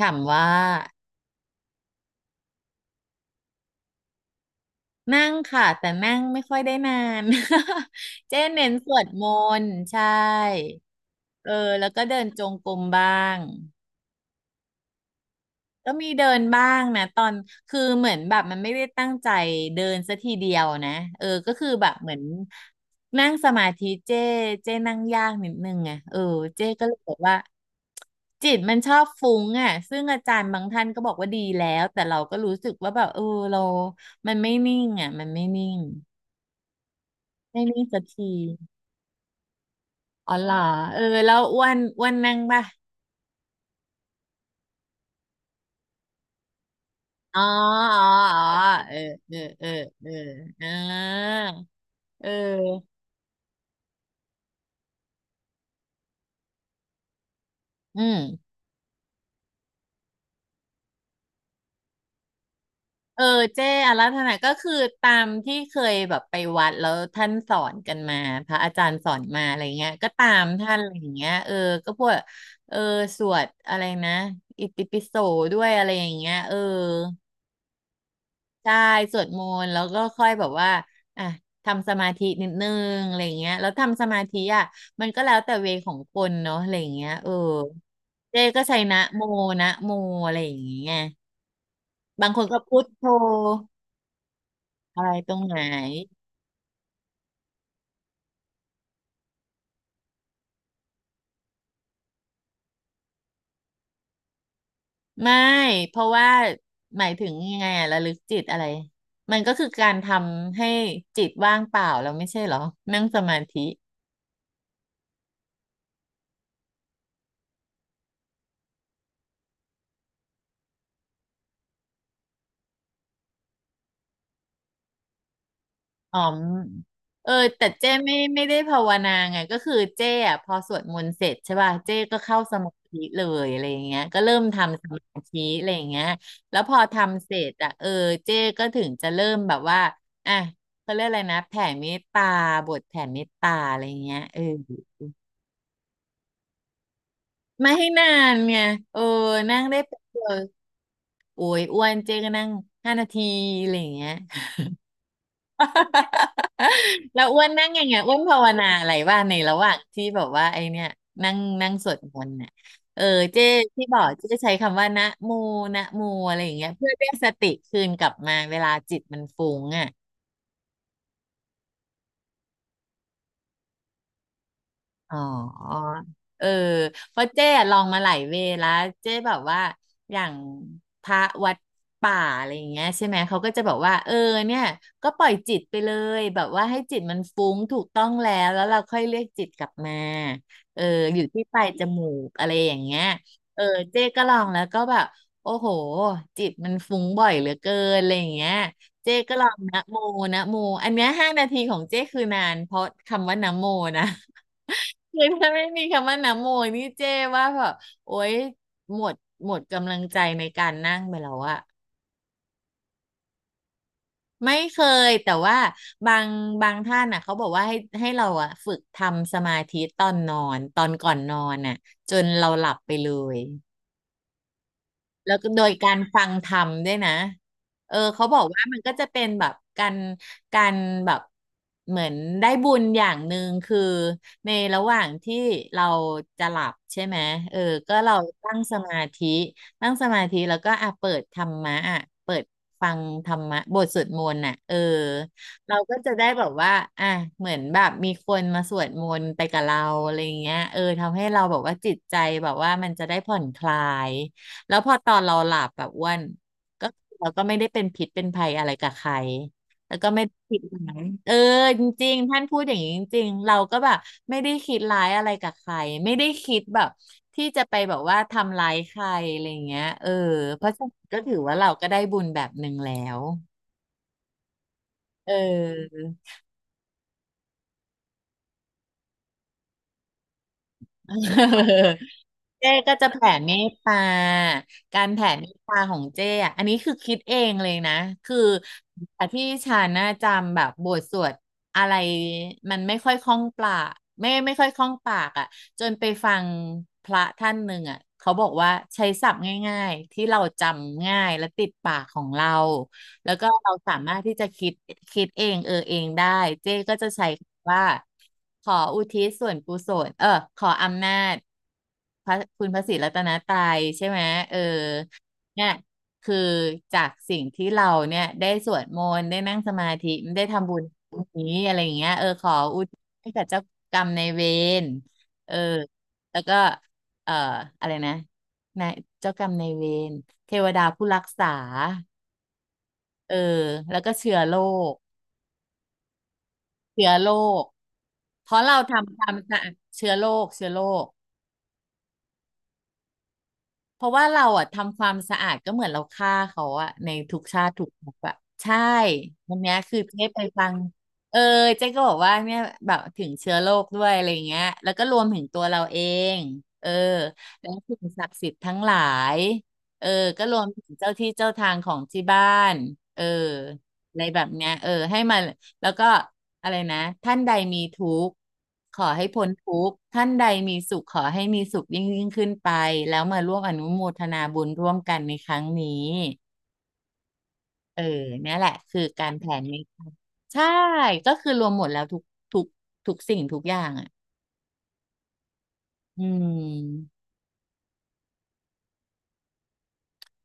ถามว่านั่งค่ะแต่นั่งไม่ค่อยได้นาน เจ๊เน้นสวดมนต์ใช่เออแล้วก็เดินจงกรมบ้าง ก็มีเดินบ้างนะตอนคือเหมือนแบบมันไม่ได้ตั้งใจเดินซะทีเดียวนะเออก็คือแบบเหมือนนั่งสมาธิเจ้เจ้นั่งยากนิดนึงไงเออเจ้ก็เลยบอกว่าจิตมันชอบฟุ้งอ่ะซึ่งอาจารย์บางท่านก็บอกว่าดีแล้วแต่เราก็รู้สึกว่าแบบเออเรามันไม่นิ่งอ่ะมันไม่นิ่งไม่นิ่งสักทีอ๋อเหรอเออแล้วอ้วนอ้วนนั่งป่ะอ๋ออ๋ออ๋อเออเออเออเอออ่าเออ อืมเออเจ้อาราธนาก็คือตามที่เคยแบบไปวัดแล้วท่านสอนกันมา พระอาจารย์สอนมาอะไรเงี้ยก็ตามท่านอะไรอย่างเงี้ยเออก็พวกเออสวดอะไรนะอิติปิโสด้วยอะไรอย่างเงี้ยเออใช่สวดมนต์แล้วก็ค่อยแบบว่าอ่ะทำสมาธินิดนึงอะไรเงี้ยแล้วทำสมาธิอ่ะมันก็แล้วแต่เวของคนเนาะอะไรเงี้ยเออเจ้ก็ใช้นะโมนะโมอะไรอย่างเงี้ยบางคนก็พุทโธ อะไรตรงไหนไม่เพราะว่าหมายถึงยังไงอะระลึกจิตอะไรมันก็คือการทำให้จิตว่างเปล่าเราไม่ใช่เหรอนั่งสมาธิอ๋อมเออแต่เจ้ไม่ได้ภาวนาไงก็คือเจ้อะพอสวดมนต์เสร็จใช่ป่ะเจ้ก็เข้าสมาธิเลยอะไรอย่างเงี้ยก็เริ่มทำสมาธิอะไรอย่างเงี้ยแล้วพอทำเสร็จอะเออเจ้ก็ถึงจะเริ่มแบบว่าอ่ะเขาเรียกอะไรนะแผ่เมตตาบทแผ่เมตตาอะไรอย่างเงี้ยเออ ไม่ให้นานไงเออนั่งได้แป๊บเดียวโอ้ยอ้วนเจ๊ก็นั่งห้านาทีอะไรอย่างเงี้ย แล้วอ้วนนั่งยังไงอ้วนภาวนาอะไรว่าในระหว่างที่แบบว่าไอเนี่ยนั่งนั่งสวดมนต์น่ะเออเจ๊ที่บอกเจ๊ใช้คำว่านะโมนะโมอะไรอย่างเงี้ยเพื่อเรียกสติคืนกลับมาเวลาจิตมันฟุ้งอ่ะ อ๋อ เออ เพราะเจ๊อะลองมาหลายเวย์แล้วเจ๊แบบว่าอย่างพระวัดป่าอะไรอย่างเงี้ยใช่ไหมเขาก็จะบอกว่าเออเนี่ยก็ปล่อยจิตไปเลยแบบว่าให้จิตมันฟุ้งถูกต้องแล้วแล้วเราค่อยเรียกจิตกลับมาเอออยู่ที่ปลายจมูกอะไรอย่างเงี้ยเออเจ๊ก็ลองแล้วก็แบบโอ้โหจิตมันฟุ้งบ่อยเหลือเกินอะไรอย่างเงี้ยเจ๊ก็ลองนะโมนะโมอันเนี้ยห้านาทีของเจ๊คือนานเพราะคำว่านะโมนะ คือถ้าไม่มีคำว่านะโมนี่เจ้ว่าแบบโอ๊ยหมดหมดกำลังใจในการนั่งไปแล้วอะไม่เคยแต่ว่าบางบางท่านน่ะเขาบอกว่าให้เราอะฝึกทำสมาธิตอนนอนตอนก่อนนอนน่ะจนเราหลับไปเลย แล้วก็โดยการฟังธรรมด้วยนะเออเขาบอกว่ามันก็จะเป็นแบบการการแบบเหมือนได้บุญอย่างหนึ่งคือในระหว่างที่เราจะหลับใช่ไหมเออก็เราตั้งสมาธิตั้งสมาธิแล้วก็อ่ะเปิดธรรมะอ่ะเปิดฟังธรรมะบทสวดมนต์น่ะเออเราก็จะได้แบบว่าอ่ะเหมือนแบบมีคนมาสวดมนต์ไปกับเราอะไรอย่างเงี้ยเออทำให้เราแบบว่าจิตใจแบบว่ามันจะได้ผ่อนคลาย แล้วพอตอนเราหลับแบบอ้วนก็เราก็ไม่ได้เป็นพิษเป็นภัยอะไรกับใครแล้วก็ไม่ได้คิดร้ายเออจริงๆท่านพูดอย่างนี้จริงๆเราก็แบบไม่ได้คิดร้ายอะไรกับใครไม่ได้คิดแบบที่จะไปแบบว่าทำร้ายใครอะไรเงี้ยเออเพราะฉะนั้นก็ถือว่าเราก็ได้บุญแบบหนึ่งแล้วเออ เจ้ก็จะแผ่เมตตาการแผ่เมตตาของเจ้อะอันนี้คือคิดเองเลยนะคือแต่ที่ฉันน่ะจำแบบบทสวดอะไรมันไม่ค่อยคล่องปากไม่ค่อยคล่องปากอ่ะจนไปฟังพระท่านหนึ่งอ่ะเขาบอกว่าใช้ศัพท์ง่ายๆที่เราจำง่ายและติดปากของเรา แล้วก็เราสามารถที่จะคิดคิดเองเออเองได้เจ๊ก็จะใช้คำว่าขออุทิศส่วนกุศลเออขออำนาจพระคุณพระศรีรัตนตรัยใช่ไหมเออเนี่ยคือจากสิ่งที่เราเนี่ยได้สวดมนต์ได้นั่งสมาธิได้ทำบุญนี้อะไรอย่างเงี้ยเออขออุทิศให้กับเจ้ากรรมนายเวรเออแล้วก็เอ่ออะไรนะนายเจ้ากรรมนายเวรเทวดาผู้รักษา เออแล้วก็เชื้อโรคเชื้อโรคเพราะเราทำความสะอาดเชื้อโรคคเพราะว่าเราอ่ะทำความสะอาดก็เหมือนเราฆ่าเขาอ่ะในทุกชาติทุกภพอ่ะใช่วันเนี้ยคือเจ๊ไปฟังเออเจ๊ก็บอกว่าเนี่ยแบบถึงเชื้อโรคด้วยอะไรเงี้ยแล้วก็รวมถึงตัวเราเองเออแล้วสิ่งศักดิ์สิทธิ์ทั้งหลายเออก็รวมถึงเจ้าที่เจ้าทางของที่บ้านเอออะไรแบบเนี้ยเออให้มา แล้วก็อะไรนะท่านใดมีทุกข์ขอให้พ้นทุกข์ท่านใดมีสุขขอให้มีสุขยิ่งยิ่งขึ้นไปแล้วมาร่วมอนุโมทนาบุญร่วมกันในครั้งนี้เออเนี่ยแหละคือการแผ่เมตตาใช่ก็คือรวมหมดแล้วทุกทุกสิ่งทุกอย่างอ่ะอืม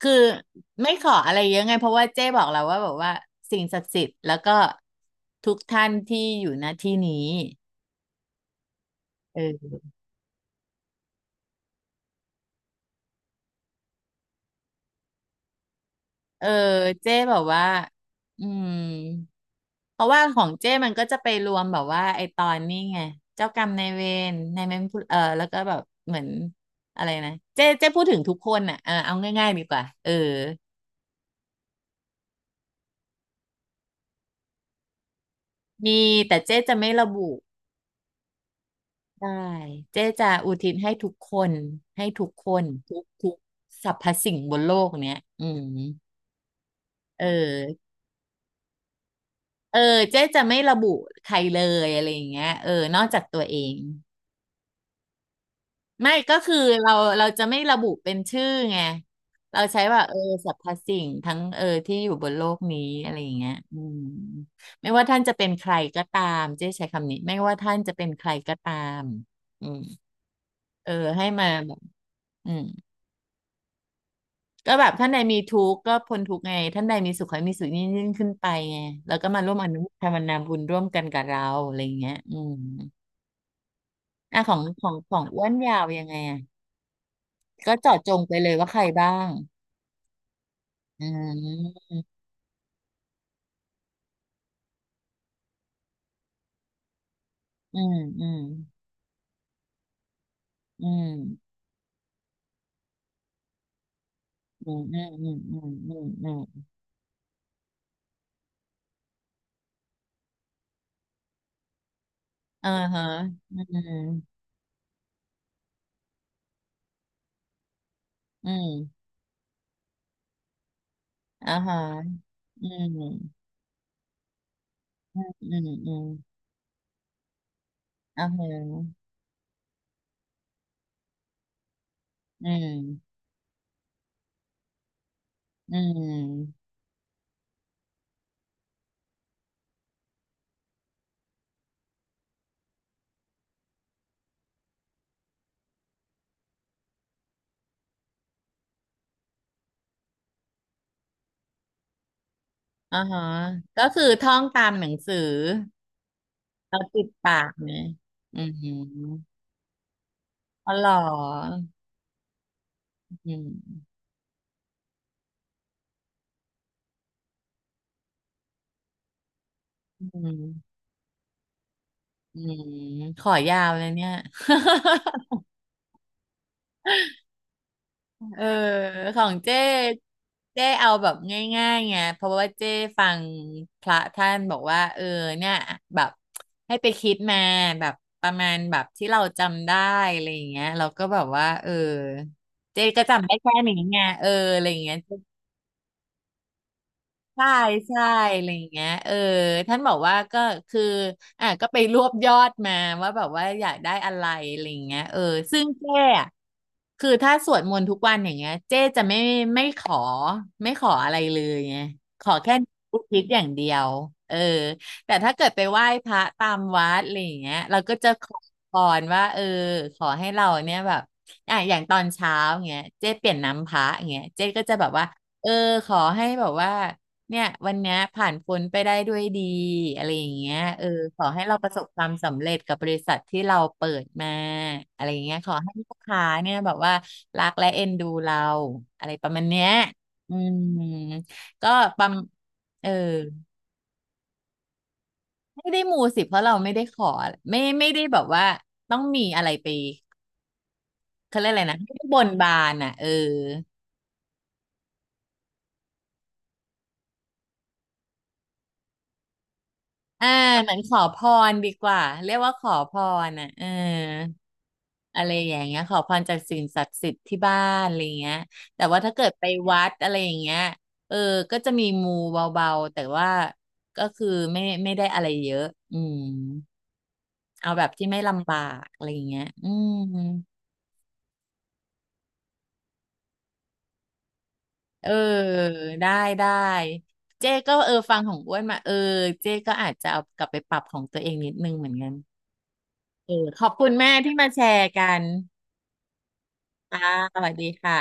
คือไม่ขออะไรเยอะไงเพราะว่าเจ๊บอกเราว่าแบบว่าสิ่งศักดิ์สิทธิ์แล้วก็ทุกท่านที่อยู่ณที่นี้เออ เออเจ๊แบบว่าอืมเพราะว่าของเจ้มันก็จะไปรวมแบบว่าไอตอนนี้ไงเจ้ากรรมนายเวรนายเวรผู้แล้วก็แบบเหมือนอะไรนะเจ้พูดถึงทุกคนอ่ะเออเอาง่ายๆดีกว่าเออมีแต่เจ้จะไม่ระบุได้เจ้จะอุทิศให้ทุกคนให้ทุกคนทุกทุกสรรพสิ่งบนโลกเนี้ยอืมเออเออเจ๊จะไม่ระบุใครเลยอะไรอย่างเงี้ยเออนอกจากตัวเอง ไม่ก็คือเราเราจะไม่ระบุเป็นชื่อไงเราใช้ว่าเออสรรพสิ่งทั้งเออที่อยู่บนโลกนี้อะไรอย่างเงี้ยอืมไม่ว่าท่านจะเป็นใครก็ตามเจ๊ใช้คำนี้ไม่ว่าท่านจะเป็นใครก็ตามอืมเออให้มาแบบอืมก็แบบท่านใดมีทุกข์ก็พ้นทุกข์ไงท่านใดมีสุขให้มีสุขยิ่งยิ่งขึ้นไปไงแล้วก็มาร่วมอนุโมทนาบุญร่วมกันกับเราอะไรอย่างเงี้ยอืมอ่ะของอ้วนยาวยังไงอ่ะก็เจาะจงไปเลยว่าใครบ้างอืม อืมอืมอืมอืมอืมอืมอืมอืมอืมอ่าฮะอืมอืมอ่าฮะอืมอืมอืมอ่าฮะอืมอืมอ่าฮะก็คือท่องตามหนังสือเราติดปากไหมอืมอ๋อเหรออืมอืมอืมขอยาวเลยเนี่ย เออของเจ้เอาแบบง่ายๆไงเพราะว่าเจ้ฟังพระท่านบอกว่าเออเนี่ยแบบให้ไปคิดมาแบบประมาณแบบที่เราจำได้อะไรอย่างเงี้ยเราก็แบบว่าเออเจ้ก็จำได้แค่นี้ไงเอออะไรอย่างเงี้ย ใช่ใช่อะไรอย่างเงี้ยเออท่านบอกว่าก็คืออ่ะก็ไปรวบยอดมาว่าแบบว่าอยากได้อะไรอะไรอย่างเงี้ยเออซึ่งเจ้อะคือถ้าสวดมนต์ทุกวันอย่างเงี้ยเจ้จะไม่ไม่ขอไม่ขออะไรเลยไงขอแค่อุทิศอย่างเดียวเออแต่ถ้าเกิดไปไหว้พระตามวัดอะไรอย่างเงี้ยเราก็จะขอพรว่าเออขอให้เราเนี่ยแบบอ่ะอย่างตอนเช้าเงี้ยเจ้เปลี่ยนน้ำพระเงี้ยเจ้ก็จะแบบว่าเออขอให้แบบว่า เนี่ยวันเนี้ยผ่านพ้นไปได้ด้วยดีอะไรอย่างเงี้ยเออขอให้เราประสบความสำเร็จกับบริษัทที่เราเปิดมาอะไรอย่างเงี้ยขอให้ลูกค้าเนี่ยแบบว่ารักและเอ็นดูเราอะไรประมาณเนี้ยอืมก็ประมเออไม่ได้มูสิเพราะเราไม่ได้ขอไม่ได้แบบว่าต้องมีอะไรไปเขาเรียกอะไรนะไม่ได้บนบานอ่ะเออ อ่าเหมือนขอพรดีกว่าเรียกว่าขอพรอ่ะเอออะไรอย่างเงี้ยขอพรจากสิ่งศักดิ์สิทธิ์ที่บ้านอะไรเงี้ยแต่ว่าถ้าเกิดไปวัดอะไรอย่างเงี้ยเออก็จะมีมูเบาๆแต่ว่าก็คือไม่ได้อะไรเยอะอืมเอาแบบที่ไม่ลำบากอะไรอย่างเงี้ยอืมเออได้ได้เจ๊ก็เออฟังของอ้วนมาเออเจ๊ก็อาจจะเอากลับไปปรับของตัวเองนิดนึงเหมือนกันเออขอบคุณแม่ที่มาแชร์กัน ค่ะสวัสดีค่ะ